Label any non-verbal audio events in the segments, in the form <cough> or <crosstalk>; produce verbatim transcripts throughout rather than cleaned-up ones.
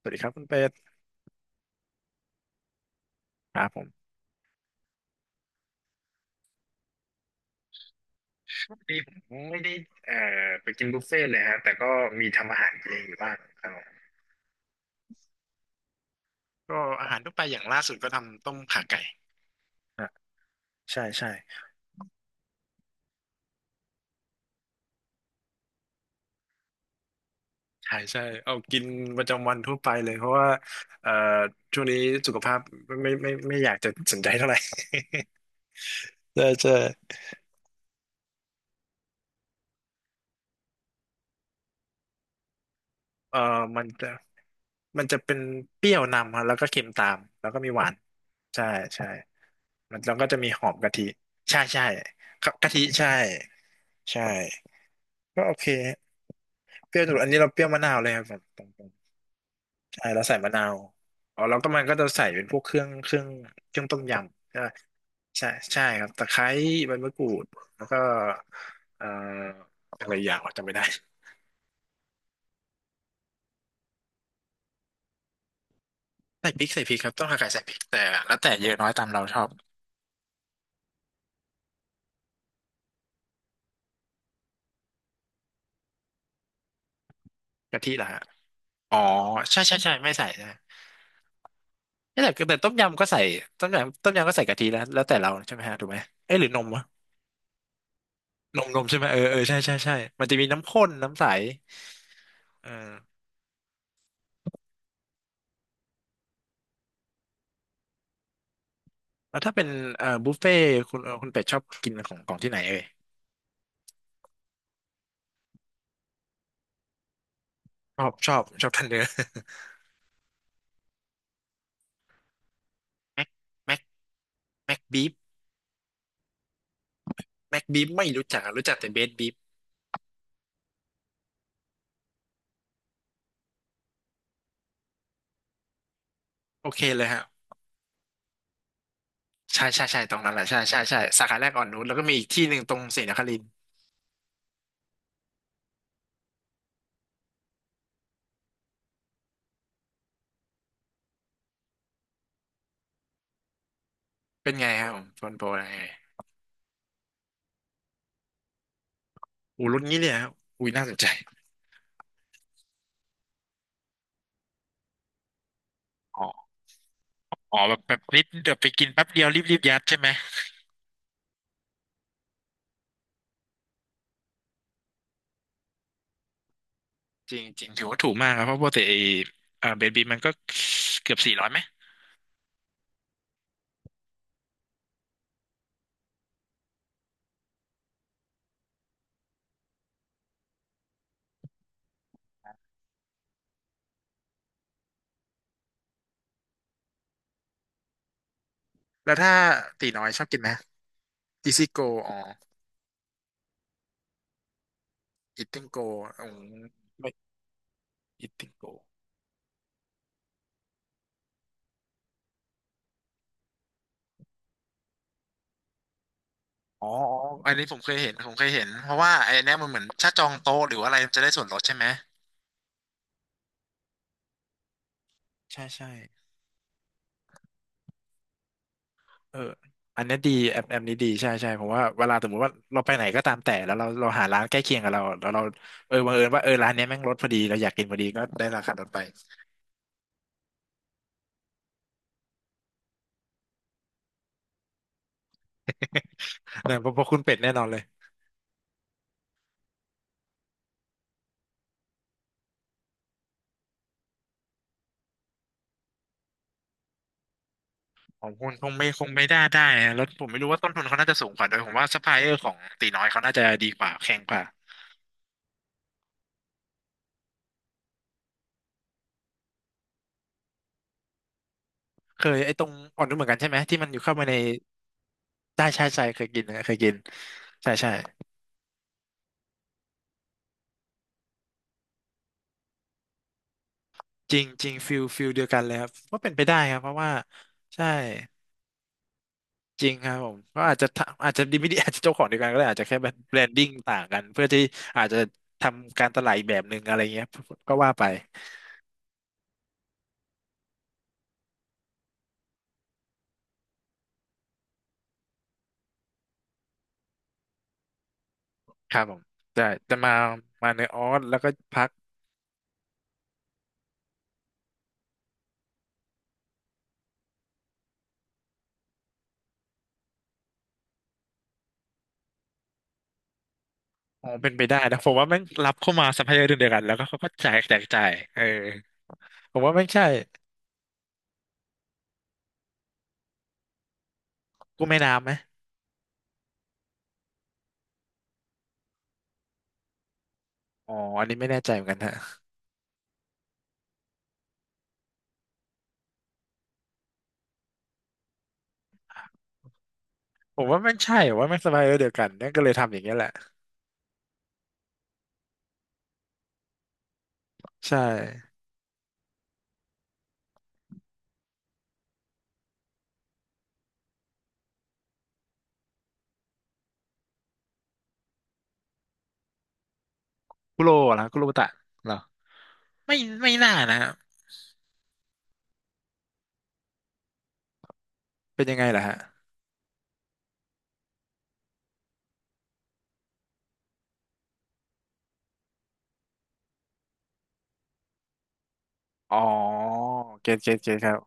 สวัสดีครับคุณเป็ดครับผมช่วงนี้ผมไม่ได้เอ่อไปกินบุฟเฟ่ต์เลยฮะแต่ก็มีทำอาหารเองอยู่บ้างครับผมก็อาหารทั่วไปอย่างล่าสุดก็ทำต้มข่าไก่ฮะใช่ใช่ใช่ใช่เอากินประจำวันทั่วไปเลยเพราะว่าเอ่อช่วงนี้สุขภาพไม่ไม่ไม่ไม่อยากจะสนใจเท่าไหร่ <laughs> ใช่ใช่เอ่อมันจะมันจะเป็นเปรี้ยวนำฮะแล้วก็เค็มตามแล้วก็มีหวานใช่ใช่มันแล้วก็จะมีหอมกะทิใช่ใช่กะทิใช่ใช่ ก็โอเคเปรี้ยวสุดอันนี้เราเปรี้ยวมะนาวเลยครับผมตรงๆใช่เราใส่มะนาวอ๋อแล้วก็มันก็จะใส่เป็นพวกเครื่องเครื่องเครื่องต้มยำใช่ใช่ใช่ครับตะไคร้ใบมะกรูดแล้วก็เอ่ออะไรอย่างวะจำไม่ได้ใส่พริกใส่พริกครับต้องหักไก่ใส่พริกแต่แล้วแต่เยอะน้อยตามเราชอบกะทิเหรอฮะอ๋อใช่ใช่ใช่ไม่ใส่นะไม่ใช่แต่แตต้มยำก็ใส่ต้มยำต้มยำก็ใส่กะทิแล้วแล้วแต่เราใช่ไหมฮะถูกไหมเอ้ยหรือนมวะนมนมใช่ไหมเออเออใช่ใช่ใช่มันจะมีน้ำข้นน้ำใสเออ แล้วถ้าเป็นเอ่อบุฟเฟ่ต์คุณเอ่อคุณเป็ดชอบกินของของที่ไหนเอ่ยชอบชอบชอบทันเนอร์ <laughs> แม็กแม็กแม็กบีฟแม็กบีฟไม่รู้จักรู้จักแต่เบสบีฟโอเคเลยฮะใช่ใช่ใช่ตรงนั้นแหละใช่ใช่ใช่สาขาแรกอ่อนนุชแล้วก็มีอีกที่หนึ่งตรงศรีนครินทร์เป็นไงครับผมโซนโปรอะไรอูรุ่นนี้เลยครับอุ้ยน่าสนใจอ๋ออ๋อแบบแบบนิดเดี๋ยวไปกินแป๊บเดียวรีบรีบยัดใช่ไหมจริงจริงถือว่าถูกมากครับเพราะปกติไอ้เอ่อเบสบีมันก็เกือบสี่ร้อยไหมแล้วถ้าตีน้อยชอบกินไหมอีซี่โกอ๋อ Eating Go อืมไม่ Eating Go อ๋ออ๋ออันนี้ผมเคยเห็น ผมเคยเห็น เพราะว่าไอ้เนี่ยมันเหมือนถ้าจองโต๊ะหรือว่าอะไรมันจะได้ส่วนลดใช่ไหม ใช่ใช่เอออันเนี้ยดีแอปแอปนี้ดีใช่ใช่ผมว่าเวลาสมมติว่าเราไปไหนก็ตามแต่แล้วเราเราหาร้านใกล้เคียงกับเราแล้วเราเออบังเอิญว่าเออร้านเนี้ยแม่งลดพอดีเราอยากกินพอดีก็ได้ราคาลดไป <laughs> เนี่ยเพราะเพราะคุณเป็ดแน่นอนเลยของคุณคงไม่คงไม่ได้ได้นะแล้วผมไม่รู้ว่าต้นทุนเขาน่าจะสูงกว่าด้วยผมว่าซัพพลายเออร์ของตีน้อยเขาน่าจะดีกว่าแข่งกว่า เคยไอ้ตรงอ่อนนุ่มเหมือนกันใช่ไหมที่มันอยู่เข้ามาในได้ใช่ใช่เคยกินนะเคยกินใช่ใช่จริงจริงฟิลฟิลเดียวกันเลยครับว่าเป็นไปได้ครับเพราะว่าใช่จริงครับผมก็อาจจะทำอาจจะดีไม่ดี <laughs> อาจจะเจ้าของเดียวกันก็ได้อาจจะแค่แบบแบรนดิ้งต่างกันเพื่อที่อาจจะทำการตลาดอีกแบบหนึ่งอะไรเงี้ยก็ว่าไปครับผมแต่แต่มามาในออสแล้วก็พักอ๋อเป็นไปได้นะผมว่าแม่งรับเข้ามาซัพพลายเออร์เดียวกันแล้วก็เขาก็แจกแจกจ่ายเออผมว่าไม่งใช่กู้แม่น้ำไหม อ๋ออันนี้ไม่แน่ใจเหมือนกันฮะผมว่าไม่ใช่ผมว่าไม่สบายเดียวกันนั่นก็เลยทำอย่างเงี้ยแหละ ใช่คุโรเหรอคุโรบุตะเหรอไม่ไม่น่านะฮะเป็นยังไงล่ะฮะอ๋อเกตเกตเกตครับ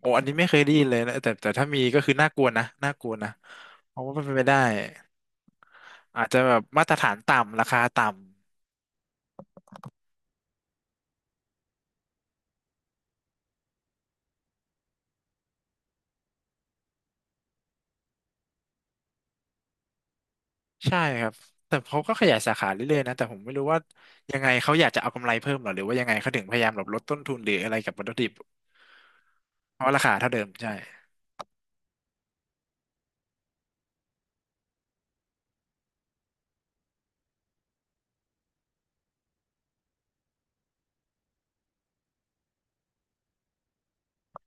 โอ้อันนี้ไม่เคยได้ยินเลยนะแต่แต่ถ้ามีก็คือน่ากลัวนะน่ากลัวนะเพรามว่าเป็นไปได้ อาจจะแบบมาตรฐานต่ำราคาต่ำใช่ครับแต่เขาก็ขยายสาขาเรื่อยๆนะแต่ผมไม่รู้ว่ายังไงเขาอยากจะเอากำไรเพิ่มเหรอหรือว่ายังไงเขาถึงพยายามแบบลดต้นทุนหรืออะไรกับวัตถุดิบเพราะราคาเท่าเดิมใช่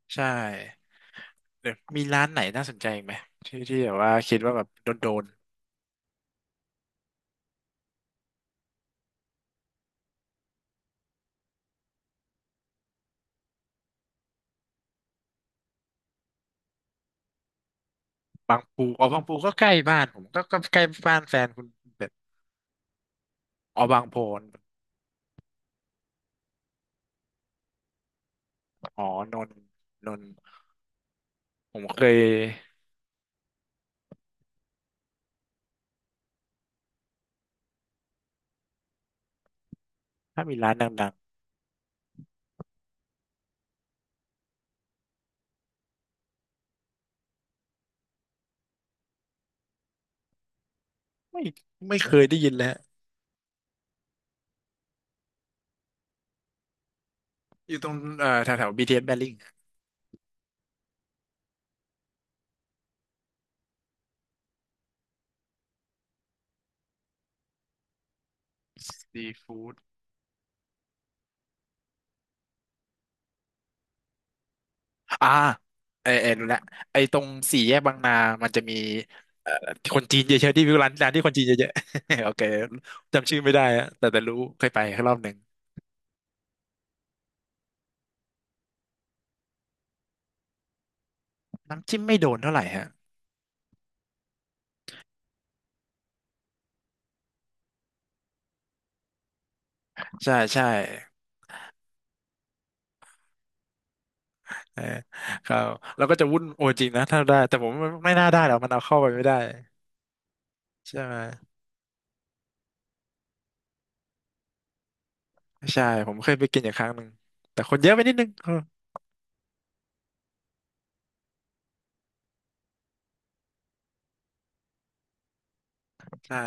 ใช่เดี๋ยวมีร้านไหนน่าสนใจอีกไหมที่ที่แบบว่าคิดว่าแบบโดนโดนบางปูอ๋อบางปูก็ใกล้บ้านผมก็ก็ใกล้บ้านแฟนคุณแบบอ๋อบางโพนอ๋อนนท์นนท์ผมเคยถ้ามีร้านดังๆไม่ไม่เคยได้ยินแล้วอยู่ตรงเอ่อแถวแถว บี ที เอส แบริ่งซีฟู้ดอ่าเออเออรู้ละไอ้ตรงสี่แยกบางนามันจะมีเอ่อคนจีนเยอะๆที่ร้านร้านที่คนจีนเยอะๆ <laughs> โอเคจำชื่อไม่ได้อะแต่แต่รู้เคยไปแค่รอบหนึ่ง น้ำจิ้มไม่โดนเท่าไหร่ฮะ ใช่ใช่เออครับแล้วก็จะวุ่นโอจริงนะถ้าได้แต่ผมไม่ไม่น่าได้หรอกมันเอาเข้าไปไม่ได้ใช่ไหม ใช่ผมเคยไปกินอยู่ครั้งหนึ่งแต่คนเยอะไปนิดนึงเออใช่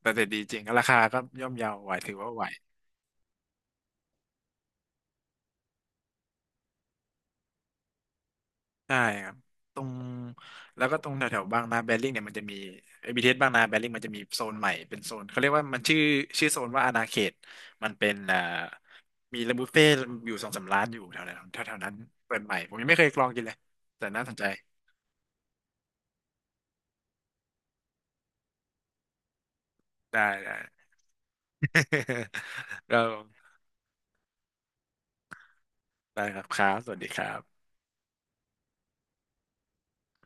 แต่แต่ดีจริง ราคาก็ย่อมเยาไหวถือว่าไหว ใช่ครับตรงแล้วก็ตรงแถวๆบางนาแบริ่งเนี่ยมันจะมีไอบีทีเอสบางนาแบริ่งมันจะมีโซนใหม่เป็นโซนเขาเรียกว่ามันชื่อชื่อโซนว่าอาณาเขตมันเป็นอ่ามีร้านบุฟเฟ่ต์อยู่สองสามร้านอยู่แถวๆแถวๆนั้นเปิดใหม่ผมยังไม่เคยลองกินเลยแต่น่าสนใจได้ได้ <laughs> ก็ได้ครับครับสวัสดีครับ